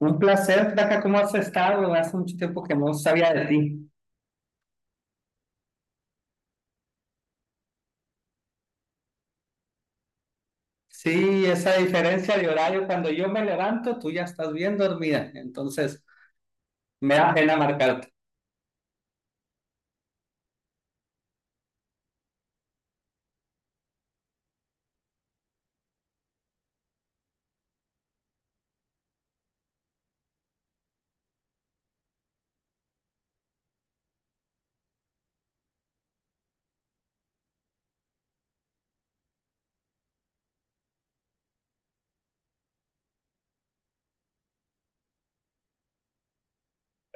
Un placer, Flaca, ¿cómo has estado? Hace mucho tiempo que no sabía de ti. Sí, esa diferencia de horario, cuando yo me levanto, tú ya estás bien dormida, entonces me da pena marcarte.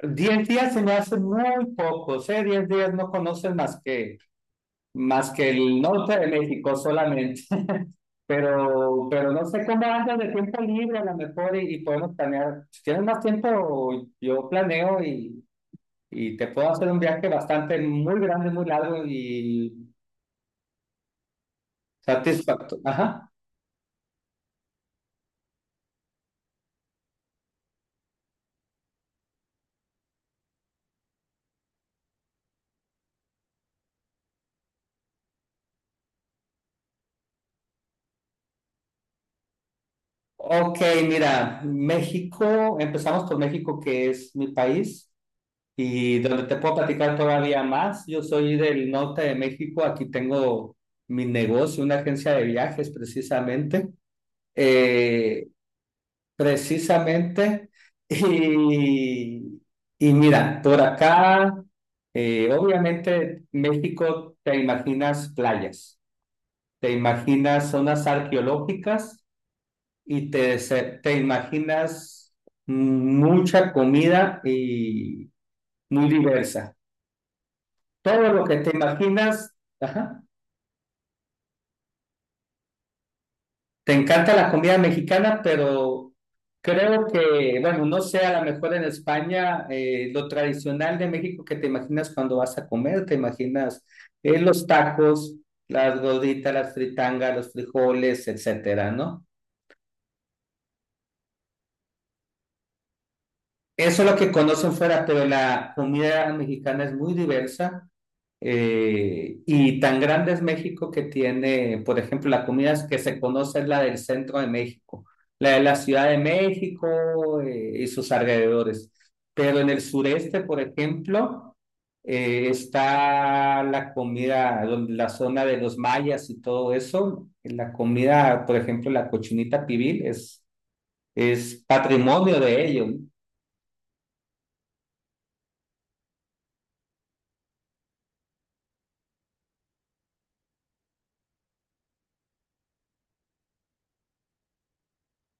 10 días se me hacen muy pocos, ¿eh? 10 días no conoces más que el norte de México solamente, pero no sé cómo andas de tiempo libre a lo mejor y podemos planear. Si tienes más tiempo, yo planeo y te puedo hacer un viaje bastante muy grande, muy largo y satisfactorio. Ajá. Ok, mira, México, empezamos por México, que es mi país, y donde te puedo platicar todavía más. Yo soy del norte de México, aquí tengo mi negocio, una agencia de viajes precisamente, eh, precisamente, y, y mira, por acá, obviamente México te imaginas playas, te imaginas zonas arqueológicas y te imaginas mucha comida y muy diversa. Todo lo que te imaginas, ajá. Te encanta la comida mexicana, pero creo que, bueno, no sé, a lo mejor en España, lo tradicional de México que te imaginas cuando vas a comer, te imaginas los tacos, las gorditas, las fritangas, los frijoles, etcétera, ¿no? Eso es lo que conocen fuera, pero la comida mexicana es muy diversa. Y tan grande es México que tiene, por ejemplo, la comida que se conoce es la del centro de México, la de la Ciudad de México y sus alrededores. Pero en el sureste, por ejemplo, está la la zona de los mayas y todo eso. La comida, por ejemplo, la cochinita pibil es patrimonio de ellos.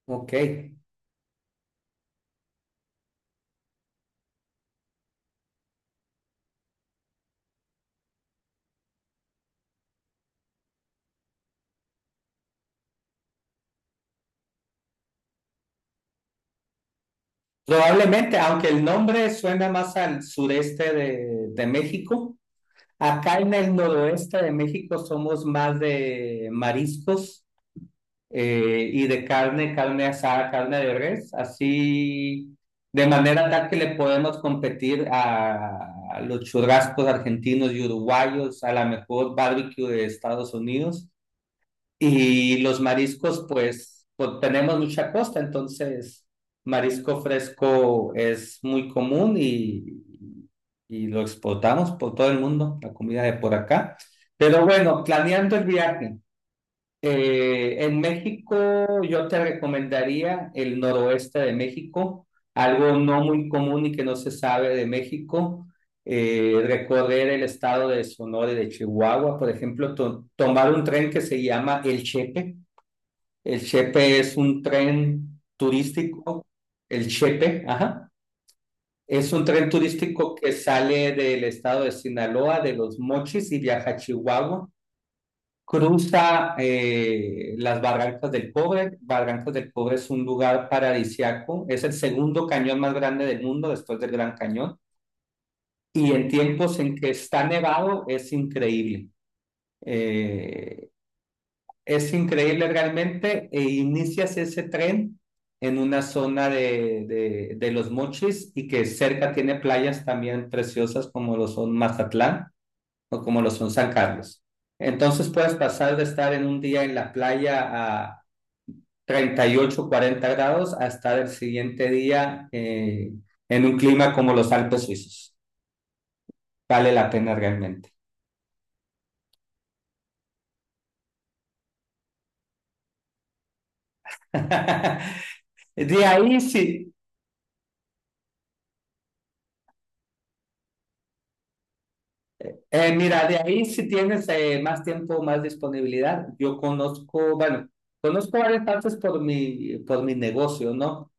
Ok. Probablemente, aunque el nombre suena más al sureste de México, acá en el noroeste de México somos más de mariscos y de carne, carne asada, carne de res, así de manera tal que le podemos competir a los churrascos argentinos y uruguayos, a la mejor barbecue de Estados Unidos. Y los mariscos, pues, tenemos mucha costa, entonces marisco fresco es muy común y lo exportamos por todo el mundo, la comida de por acá. Pero bueno, planeando el viaje, en México yo te recomendaría el noroeste de México, algo no muy común y que no se sabe de México, recorrer el estado de Sonora y de Chihuahua, por ejemplo, tomar un tren que se llama El Chepe. El Chepe es un tren turístico, el Chepe, ajá. Es un tren turístico que sale del estado de Sinaloa, de Los Mochis y viaja a Chihuahua. Cruza las Barrancas del Cobre. Barrancas del Cobre es un lugar paradisiaco. Es el segundo cañón más grande del mundo después del Gran Cañón. Y en tiempos en que está nevado es increíble. Eh, es increíble realmente. E inicias ese tren en una zona de Los Mochis y que cerca tiene playas también preciosas como lo son Mazatlán o como lo son San Carlos. Entonces puedes pasar de estar en un día en la playa a 38, 40 grados a estar el siguiente día en un clima como los Alpes suizos. Vale la pena realmente. De ahí sí, mira, de ahí si tienes más tiempo, más disponibilidad. Yo conozco, bueno, conozco varias partes por mi negocio, ¿no?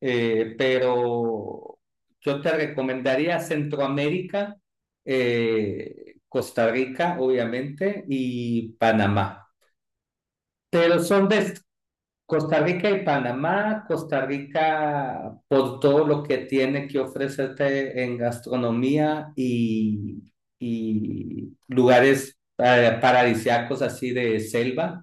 pero yo te recomendaría Centroamérica, Costa Rica, obviamente, y Panamá. Pero son de Costa Rica y Panamá, Costa Rica por todo lo que tiene que ofrecerte en gastronomía y lugares paradisíacos así de selva.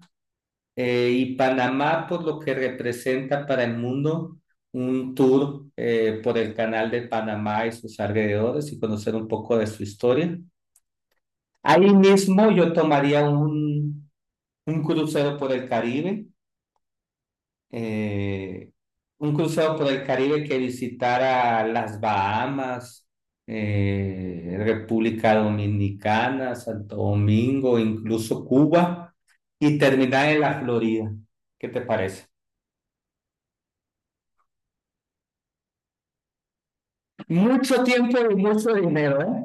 Y Panamá por lo que representa para el mundo un tour por el canal de Panamá y sus alrededores y conocer un poco de su historia. Ahí mismo yo tomaría un crucero por el Caribe, eh, un crucero por el Caribe que visitara las Bahamas, República Dominicana, Santo Domingo, incluso Cuba y terminar en la Florida. ¿Qué te parece? Mucho tiempo y mucho dinero, ¿eh?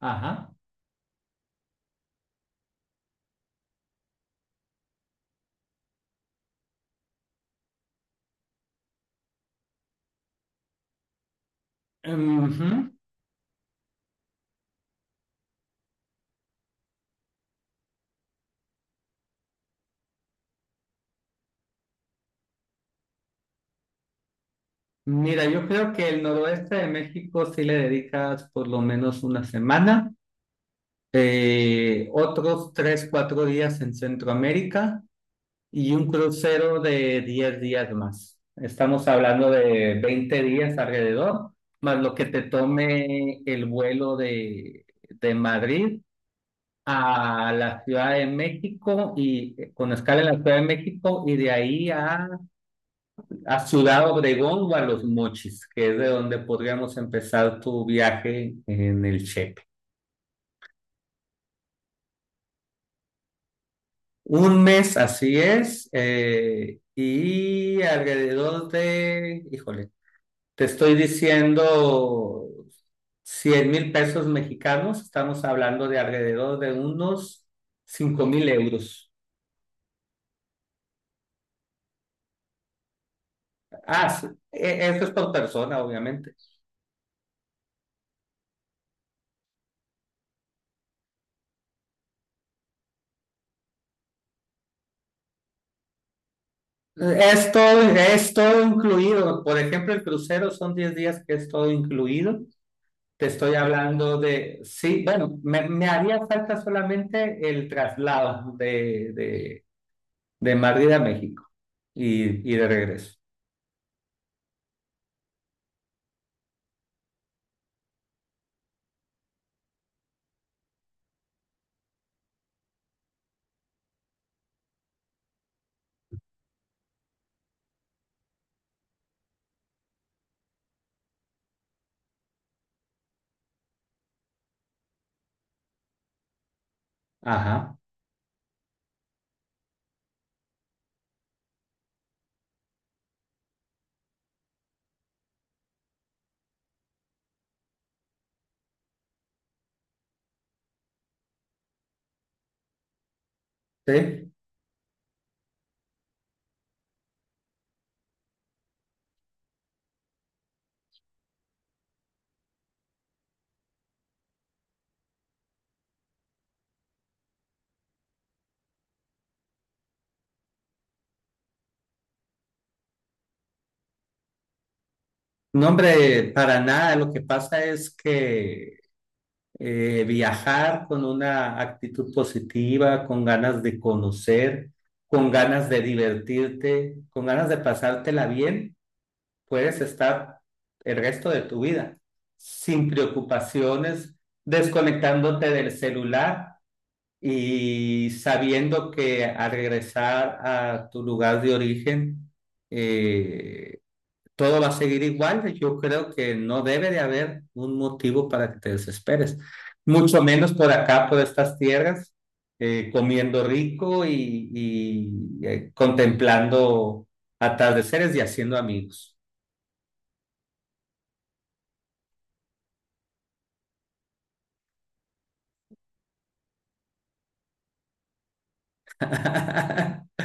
Ajá. Ujú. Mira, yo creo que el noroeste de México sí le dedicas por lo menos una semana, otros tres, cuatro días en Centroamérica y un crucero de 10 días más. Estamos hablando de 20 días alrededor, más lo que te tome el vuelo de Madrid a la Ciudad de México y con escala en la Ciudad de México y de ahí a Ciudad Obregón o a Los Mochis, que es de donde podríamos empezar tu viaje en el Chepe. Un mes, así es, y alrededor de, híjole, te estoy diciendo 100.000 pesos mexicanos, estamos hablando de alrededor de unos 5.000 euros. Ah, sí, esto es por persona, obviamente. Es todo incluido. Por ejemplo, el crucero son 10 días que es todo incluido. Te estoy hablando de, sí, bueno, me haría falta solamente el traslado de Madrid a México y de regreso. Ajá, sí. No, hombre, para nada. Lo que pasa es que viajar con una actitud positiva, con ganas de conocer, con ganas de divertirte, con ganas de pasártela bien. Puedes estar el resto de tu vida sin preocupaciones, desconectándote del celular y sabiendo que al regresar a tu lugar de origen, eh, todo va a seguir igual. Yo creo que no debe de haber un motivo para que te desesperes, mucho menos por acá, por estas tierras, comiendo rico y, y contemplando atardeceres y haciendo amigos.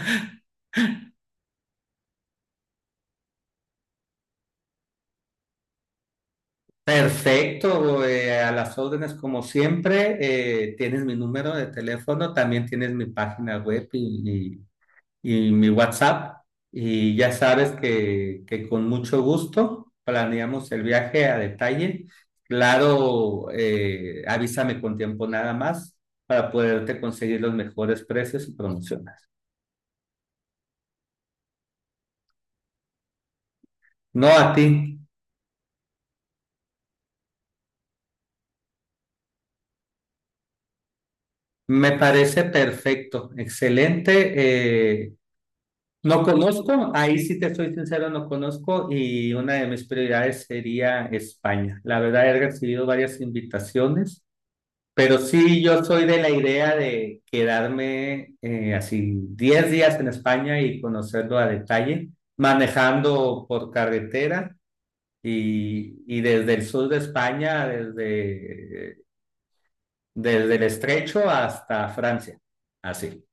Perfecto, a las órdenes como siempre, tienes mi número de teléfono, también tienes mi página web y mi WhatsApp y ya sabes que con mucho gusto planeamos el viaje a detalle. Claro, avísame con tiempo nada más para poderte conseguir los mejores precios y promociones. No a ti, me parece perfecto, excelente. Eh, no conozco, ahí sí te soy sincero, no conozco y una de mis prioridades sería España. La verdad he recibido varias invitaciones, pero sí yo soy de la idea de quedarme así 10 días en España y conocerlo a detalle, manejando por carretera y desde el sur de España, desde, desde el Estrecho hasta Francia. Así.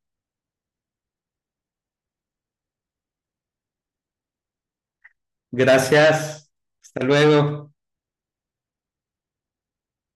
Gracias. Hasta luego.